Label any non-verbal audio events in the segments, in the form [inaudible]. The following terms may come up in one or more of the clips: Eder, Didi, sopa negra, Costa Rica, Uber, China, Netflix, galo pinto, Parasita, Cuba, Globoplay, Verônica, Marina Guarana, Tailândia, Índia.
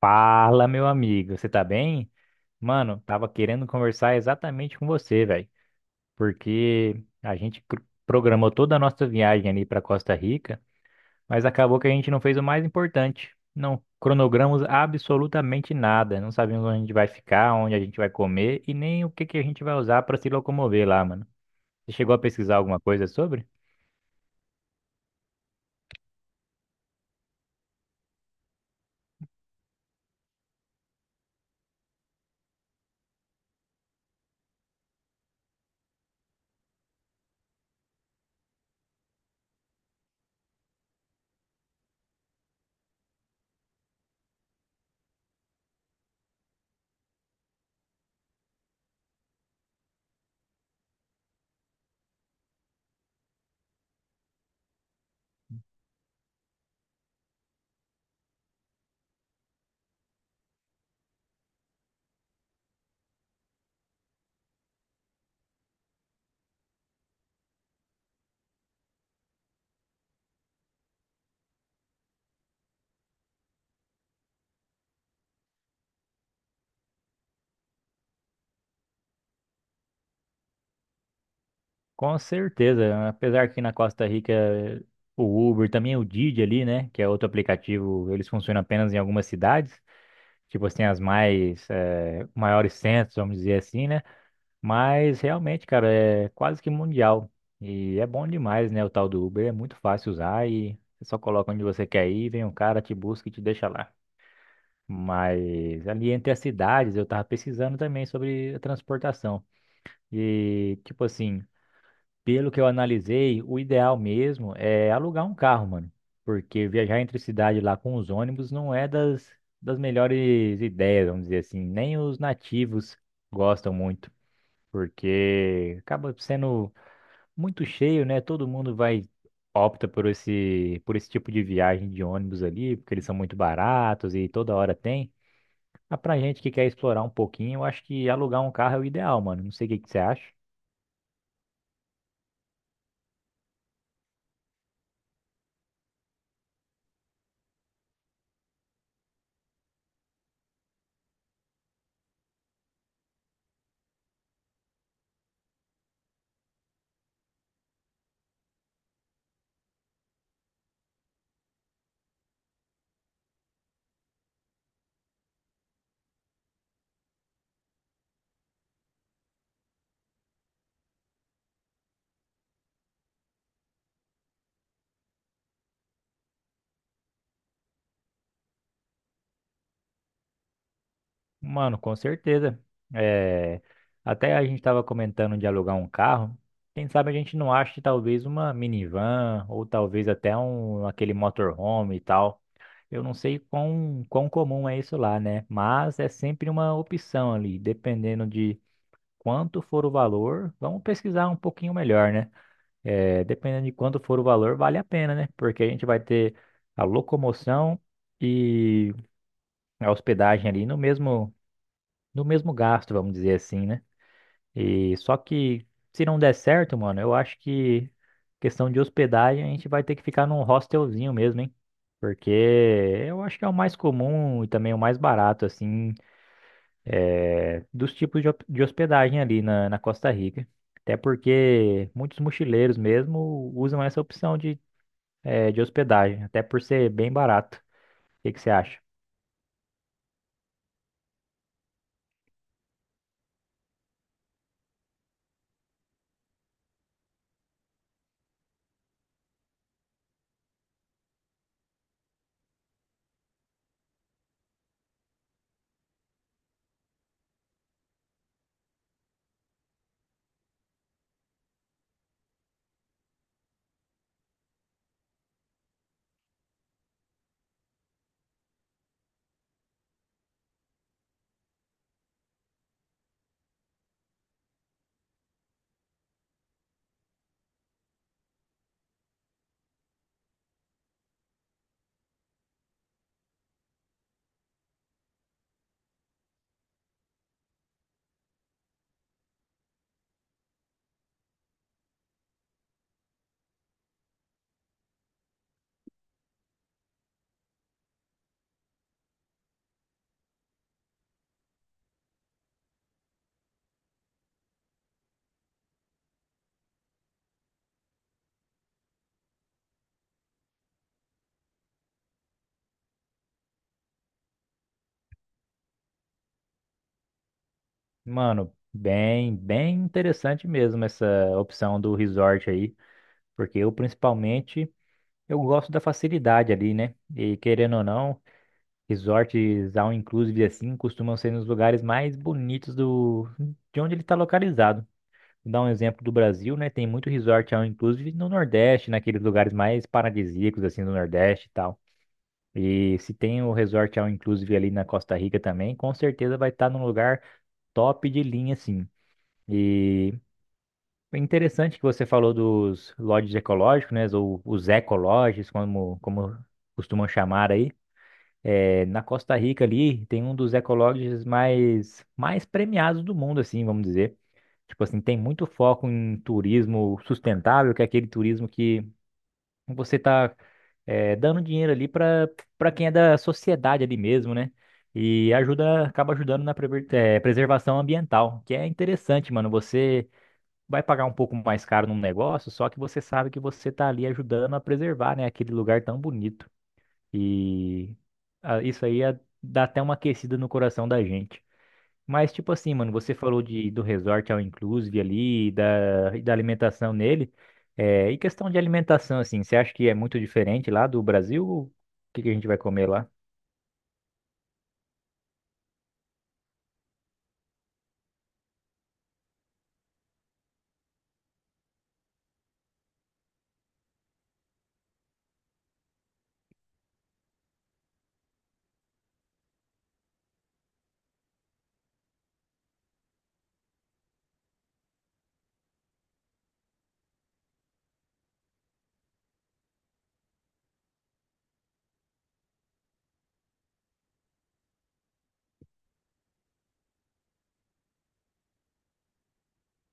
Fala, meu amigo, você tá bem? Mano, tava querendo conversar exatamente com você, velho, porque a gente programou toda a nossa viagem ali pra Costa Rica, mas acabou que a gente não fez o mais importante. Não cronogramos absolutamente nada, não sabemos onde a gente vai ficar, onde a gente vai comer e nem o que que a gente vai usar pra se locomover lá, mano. Você chegou a pesquisar alguma coisa sobre? Com certeza, apesar que na Costa Rica o Uber, também o Didi ali, né, que é outro aplicativo, eles funcionam apenas em algumas cidades, tipo assim, as mais, maiores centros, vamos dizer assim, né, mas realmente, cara, é quase que mundial e é bom demais, né, o tal do Uber, é muito fácil usar e você só coloca onde você quer ir, vem um cara, te busca e te deixa lá. Mas ali entre as cidades, eu tava pesquisando também sobre a transportação e, tipo assim, pelo que eu analisei, o ideal mesmo é alugar um carro, mano. Porque viajar entre cidade lá com os ônibus não é das melhores ideias, vamos dizer assim. Nem os nativos gostam muito, porque acaba sendo muito cheio, né? Todo mundo vai, opta por esse tipo de viagem de ônibus ali, porque eles são muito baratos e toda hora tem. Mas pra gente que quer explorar um pouquinho, eu acho que alugar um carro é o ideal, mano. Não sei o que que você acha. Mano, com certeza. É, até a gente estava comentando de alugar um carro. Quem sabe a gente não ache talvez uma minivan ou talvez até um aquele motorhome e tal. Eu não sei quão comum é isso lá, né? Mas é sempre uma opção ali, dependendo de quanto for o valor. Vamos pesquisar um pouquinho melhor, né? É, dependendo de quanto for o valor, vale a pena, né? Porque a gente vai ter a locomoção e a hospedagem ali no mesmo do mesmo gasto, vamos dizer assim, né? E só que se não der certo, mano, eu acho que questão de hospedagem a gente vai ter que ficar num hostelzinho mesmo, hein? Porque eu acho que é o mais comum e também o mais barato, assim, é, dos tipos de, de hospedagem ali na Costa Rica. Até porque muitos mochileiros mesmo usam essa opção de, é, de hospedagem, até por ser bem barato. O que que você acha? Mano, bem, bem interessante mesmo essa opção do resort aí. Porque eu, principalmente, eu gosto da facilidade ali, né? E querendo ou não, resorts all inclusive assim costumam ser nos lugares mais bonitos do de onde ele está localizado. Vou dar um exemplo do Brasil, né? Tem muito resort all inclusive no Nordeste, naqueles lugares mais paradisíacos assim do Nordeste e tal. E se tem o resort all inclusive ali na Costa Rica também, com certeza vai estar num lugar top de linha assim. E é interessante que você falou dos lodges ecológicos, né? Ou os ecolodges, como costumam chamar aí. É, na Costa Rica ali tem um dos ecolodges mais premiados do mundo, assim, vamos dizer. Tipo assim, tem muito foco em turismo sustentável, que é aquele turismo que você tá é, dando dinheiro ali para quem é da sociedade ali mesmo, né? E ajuda, acaba ajudando na é, preservação ambiental, que é interessante, mano. Você vai pagar um pouco mais caro num negócio, só que você sabe que você está ali ajudando a preservar, né, aquele lugar tão bonito. E ah, isso aí ah, dá até uma aquecida no coração da gente. Mas tipo assim, mano, você falou de do resort all inclusive ali, da alimentação nele. É, e questão de alimentação assim, você acha que é muito diferente lá do Brasil? O que que a gente vai comer lá?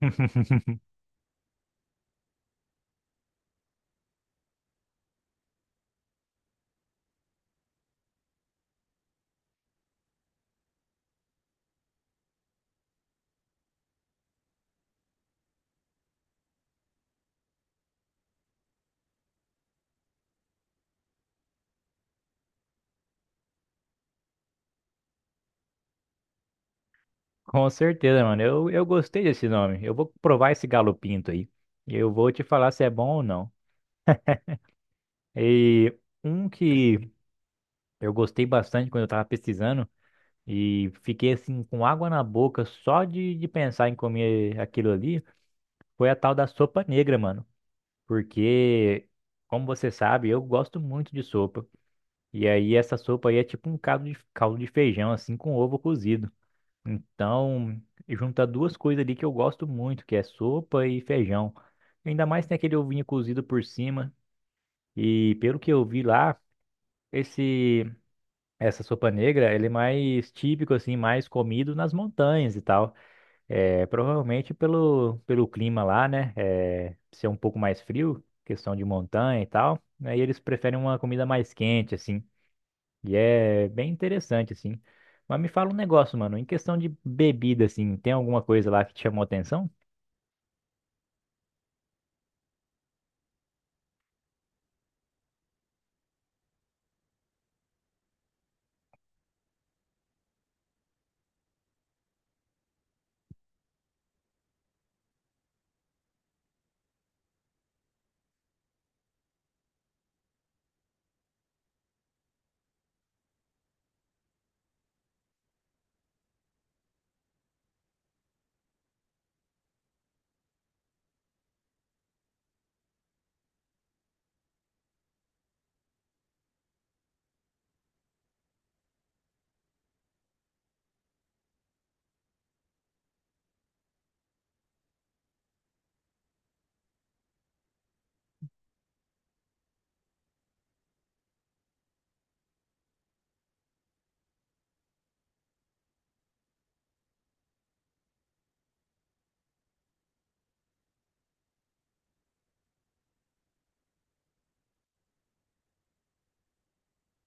[laughs] Com certeza, mano. Eu gostei desse nome. Eu vou provar esse galo pinto aí. E eu vou te falar se é bom ou não. E um que eu gostei bastante quando eu tava pesquisando e fiquei assim com água na boca só de pensar em comer aquilo ali foi a tal da sopa negra, mano. Porque, como você sabe, eu gosto muito de sopa. E aí essa sopa aí é tipo um caldo de feijão, assim, com ovo cozido. Então, junta duas coisas ali que eu gosto muito, que é sopa e feijão. Ainda mais tem aquele ovinho cozido por cima. E pelo que eu vi lá, esse Essa sopa negra, ele é mais típico, assim, mais comido nas montanhas e tal. É, provavelmente pelo clima lá, né? É, ser um pouco mais frio, questão de montanha e tal. Aí eles preferem uma comida mais quente, assim. E é bem interessante, assim. Mas me fala um negócio, mano. Em questão de bebida, assim, tem alguma coisa lá que te chamou atenção?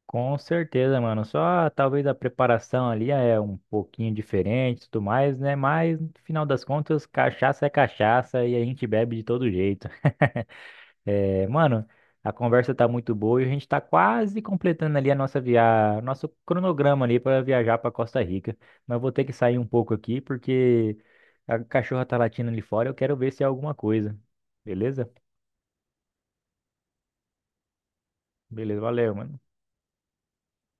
Com certeza, mano. Só talvez a preparação ali é um pouquinho diferente, e tudo mais, né? Mas no final das contas, cachaça é cachaça e a gente bebe de todo jeito. [laughs] É, mano, a conversa tá muito boa e a gente tá quase completando ali a nossa via... nosso cronograma ali para viajar para Costa Rica. Mas eu vou ter que sair um pouco aqui porque a cachorra tá latindo ali fora, eu quero ver se é alguma coisa. Beleza? Beleza, valeu, mano.